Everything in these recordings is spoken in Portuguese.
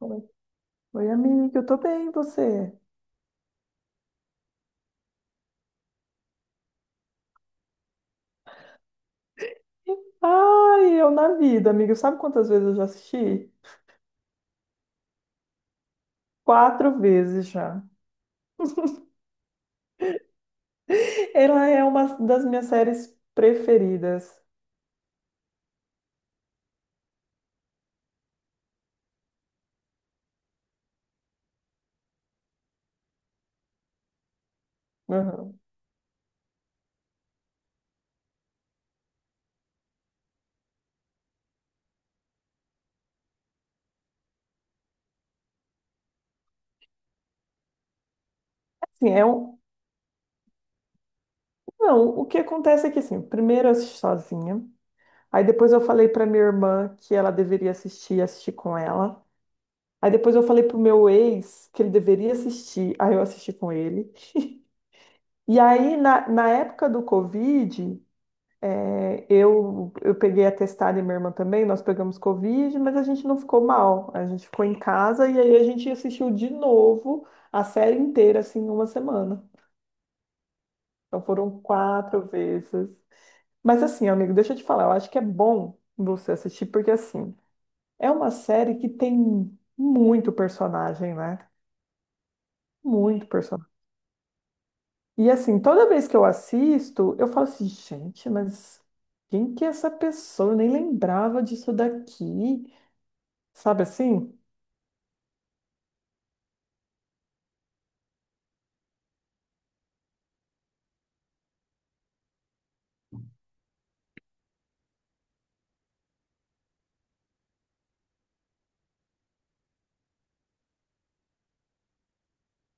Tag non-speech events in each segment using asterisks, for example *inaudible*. Oi, amiga, eu tô bem, e você? Ai, eu na vida, amiga. Sabe quantas vezes eu já assisti? Quatro vezes já. Ela é uma das minhas séries preferidas. Uhum. Assim, é um... Não, o que acontece é que, assim, primeiro eu assisti sozinha. Aí depois eu falei pra minha irmã que ela deveria assistir, assistir com ela. Aí depois eu falei pro meu ex que ele deveria assistir, aí eu assisti com ele. *laughs* E aí, na época do Covid, é, eu peguei atestado e minha irmã também, nós pegamos Covid, mas a gente não ficou mal. A gente ficou em casa e aí a gente assistiu de novo a série inteira, assim, em uma semana. Então foram quatro vezes. Mas assim, amigo, deixa eu te falar, eu acho que é bom você assistir, porque assim, é uma série que tem muito personagem, né? Muito personagem. E assim, toda vez que eu assisto, eu falo assim, gente, mas quem que é essa pessoa? Eu nem lembrava disso daqui. Sabe assim?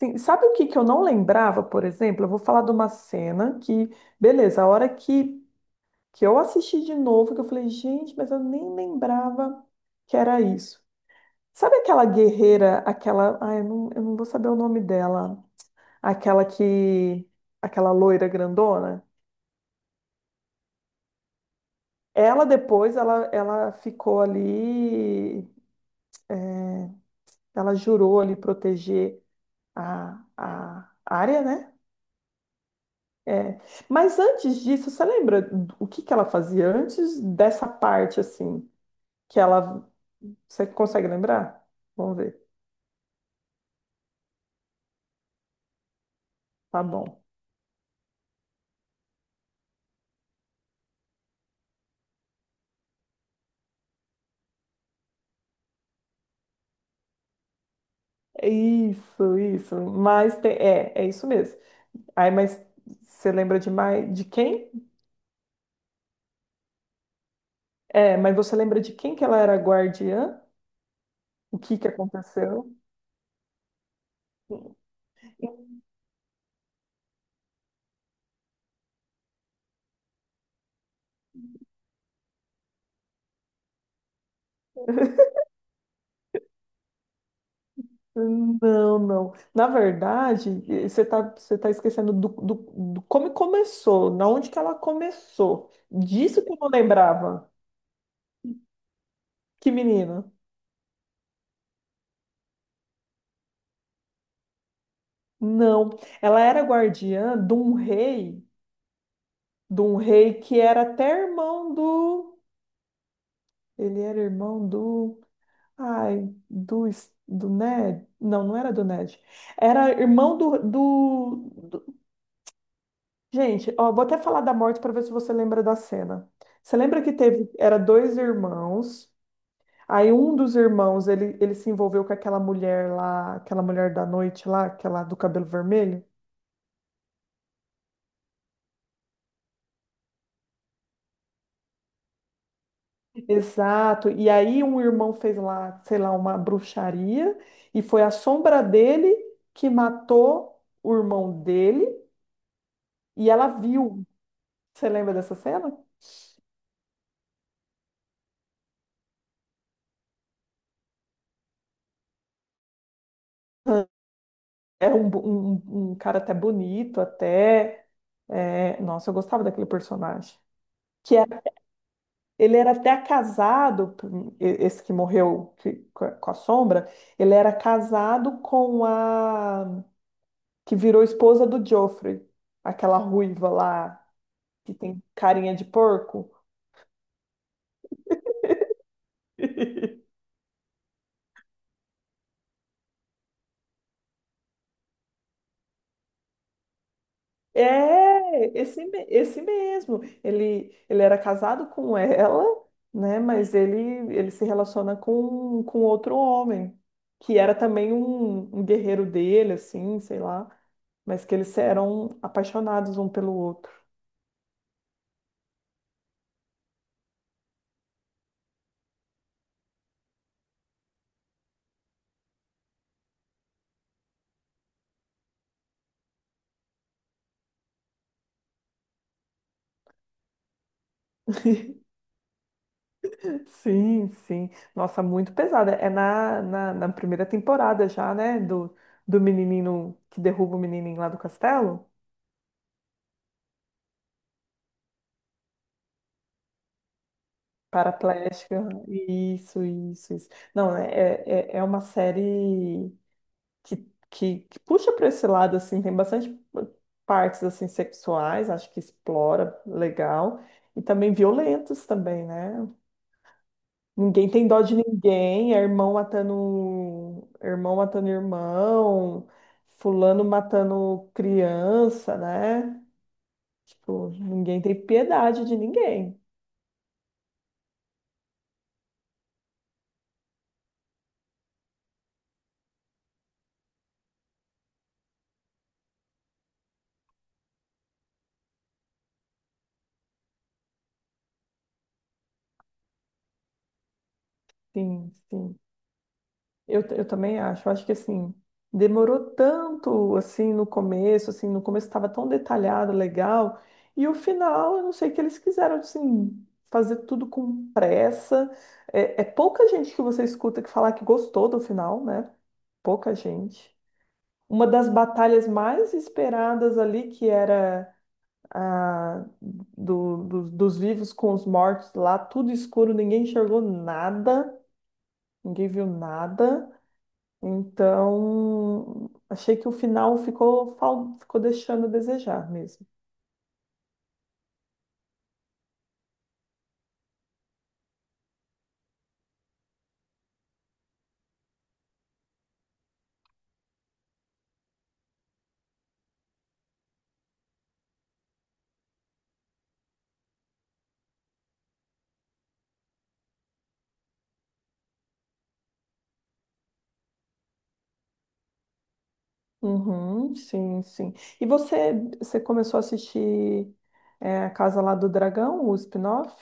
Sim, sabe o que que eu não lembrava, por exemplo? Eu vou falar de uma cena que, beleza, a hora que eu assisti de novo, que eu falei, gente, mas eu nem lembrava que era isso. Sabe aquela guerreira, aquela? Ai, eu não vou saber o nome dela. Aquela que. Aquela loira grandona? Ela depois, ela ficou ali. Ela jurou ali proteger a área, né? É. Mas antes disso, você lembra do- o que que ela fazia antes dessa parte assim, que ela, você consegue lembrar? Vamos ver. Tá bom. É isso, isso. Mas te- é, é isso mesmo. Aí, mas você lembra de mais de quem? É, mas você lembra de quem que ela era guardiã? O que que aconteceu? Não, não. Na verdade, eh, você tá esquecendo do como começou, na onde que ela começou. Disso que eu não lembrava. Que menina? Não. Ela era guardiã de um rei que era até irmão do. Ele era irmão do. Ai, do, Es- do Ned. Não, não era do Ned. Era irmão do- Gente, ó, vou até falar da morte para ver se você lembra da cena. Você lembra que teve. Era dois irmãos. Aí um dos irmãos, ele se envolveu com aquela mulher lá, aquela mulher da noite lá, aquela do cabelo vermelho? Exato. E aí um irmão fez lá, sei lá, uma bruxaria e foi a sombra dele que matou o irmão dele e ela viu. Você lembra dessa cena? Era um, bo- um cara até bonito, até. É, nossa, eu gostava daquele personagem. Que era- ele era até casado, e- esse que morreu que- com a sombra, ele era casado com a que virou esposa do Joffrey, aquela ruiva lá, que tem carinha de porco. *laughs* É, esse, me- esse mesmo. Ele era casado com ela, né? Mas ele se relaciona com outro homem, que era também um guerreiro dele, assim, sei lá. Mas que eles eram apaixonados um pelo outro. *laughs* Sim, sim. Nossa, muito pesada. É na na primeira temporada já, né? Do, do menininho que derruba o menininho lá do castelo. Paraplégicas. Isso, isso, isso. Não, é é uma série que, que puxa para esse lado, assim, tem bastante partes, assim, sexuais, acho que explora legal, e também violentos também, né? Ninguém tem dó de ninguém, é irmão matando, um, irmão matando irmão, fulano matando criança, né? Tipo, ninguém tem piedade de ninguém. Sim, sim. Eu também acho. Eu acho que assim, demorou tanto assim, no começo estava tão detalhado, legal, e o final, eu não sei o que eles quiseram assim, fazer tudo com pressa. É, é pouca gente que você escuta que falar que gostou do final, né? Pouca gente. Uma das batalhas mais esperadas ali, que era a do, do- dos vivos com os mortos lá, tudo escuro, ninguém enxergou nada, ninguém viu nada. Então, achei que o final ficou, fal- ficou deixando a desejar mesmo. Uhum, sim, sim. E você, você começou a assistir é, a Casa lá do Dragão, o spin-off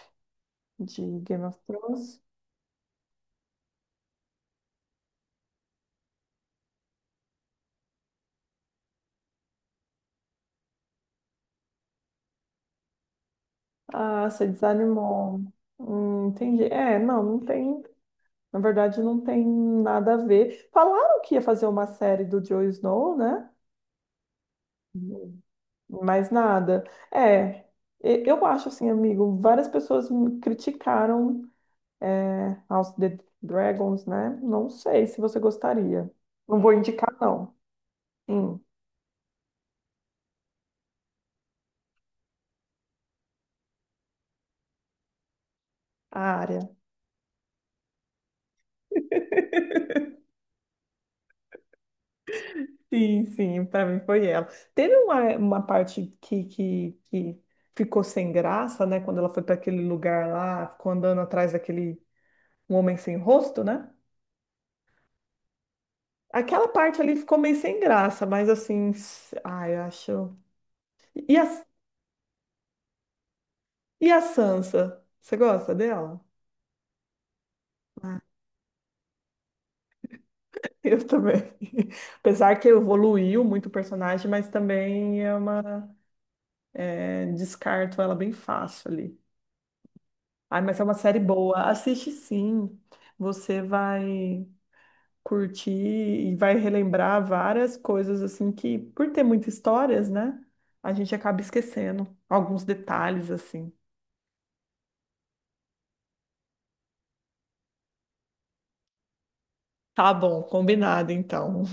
de Game of Thrones? Ah, você desanimou. Entendi. É, não, não tem. Na verdade, não tem nada a ver. Falaram que ia fazer uma série do Jon Snow, né? Mais nada. É, e- eu acho assim, amigo, várias pessoas me criticaram é, House of the Dragons, né? Não sei se você gostaria. Não vou indicar, não. Sim, a área. *laughs* Sim, sim, para mim foi ela. Teve uma parte que ficou sem graça, né? Quando ela foi para aquele lugar lá, ficou andando atrás daquele homem sem rosto, né? Aquela parte ali ficou meio sem graça, mas assim, s- ai, eu acho. E a E a Sansa? Você gosta dela? Ah, eu também. *laughs* Apesar que evoluiu muito o personagem, mas também é uma. É, descarto ela bem fácil ali. Ai, mas é uma série boa. Assiste sim. Você vai curtir e vai relembrar várias coisas assim que, por ter muitas histórias, né? A gente acaba esquecendo alguns detalhes assim. Tá bom, combinado então.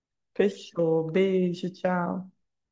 *laughs* Fechou. Beijo, tchau.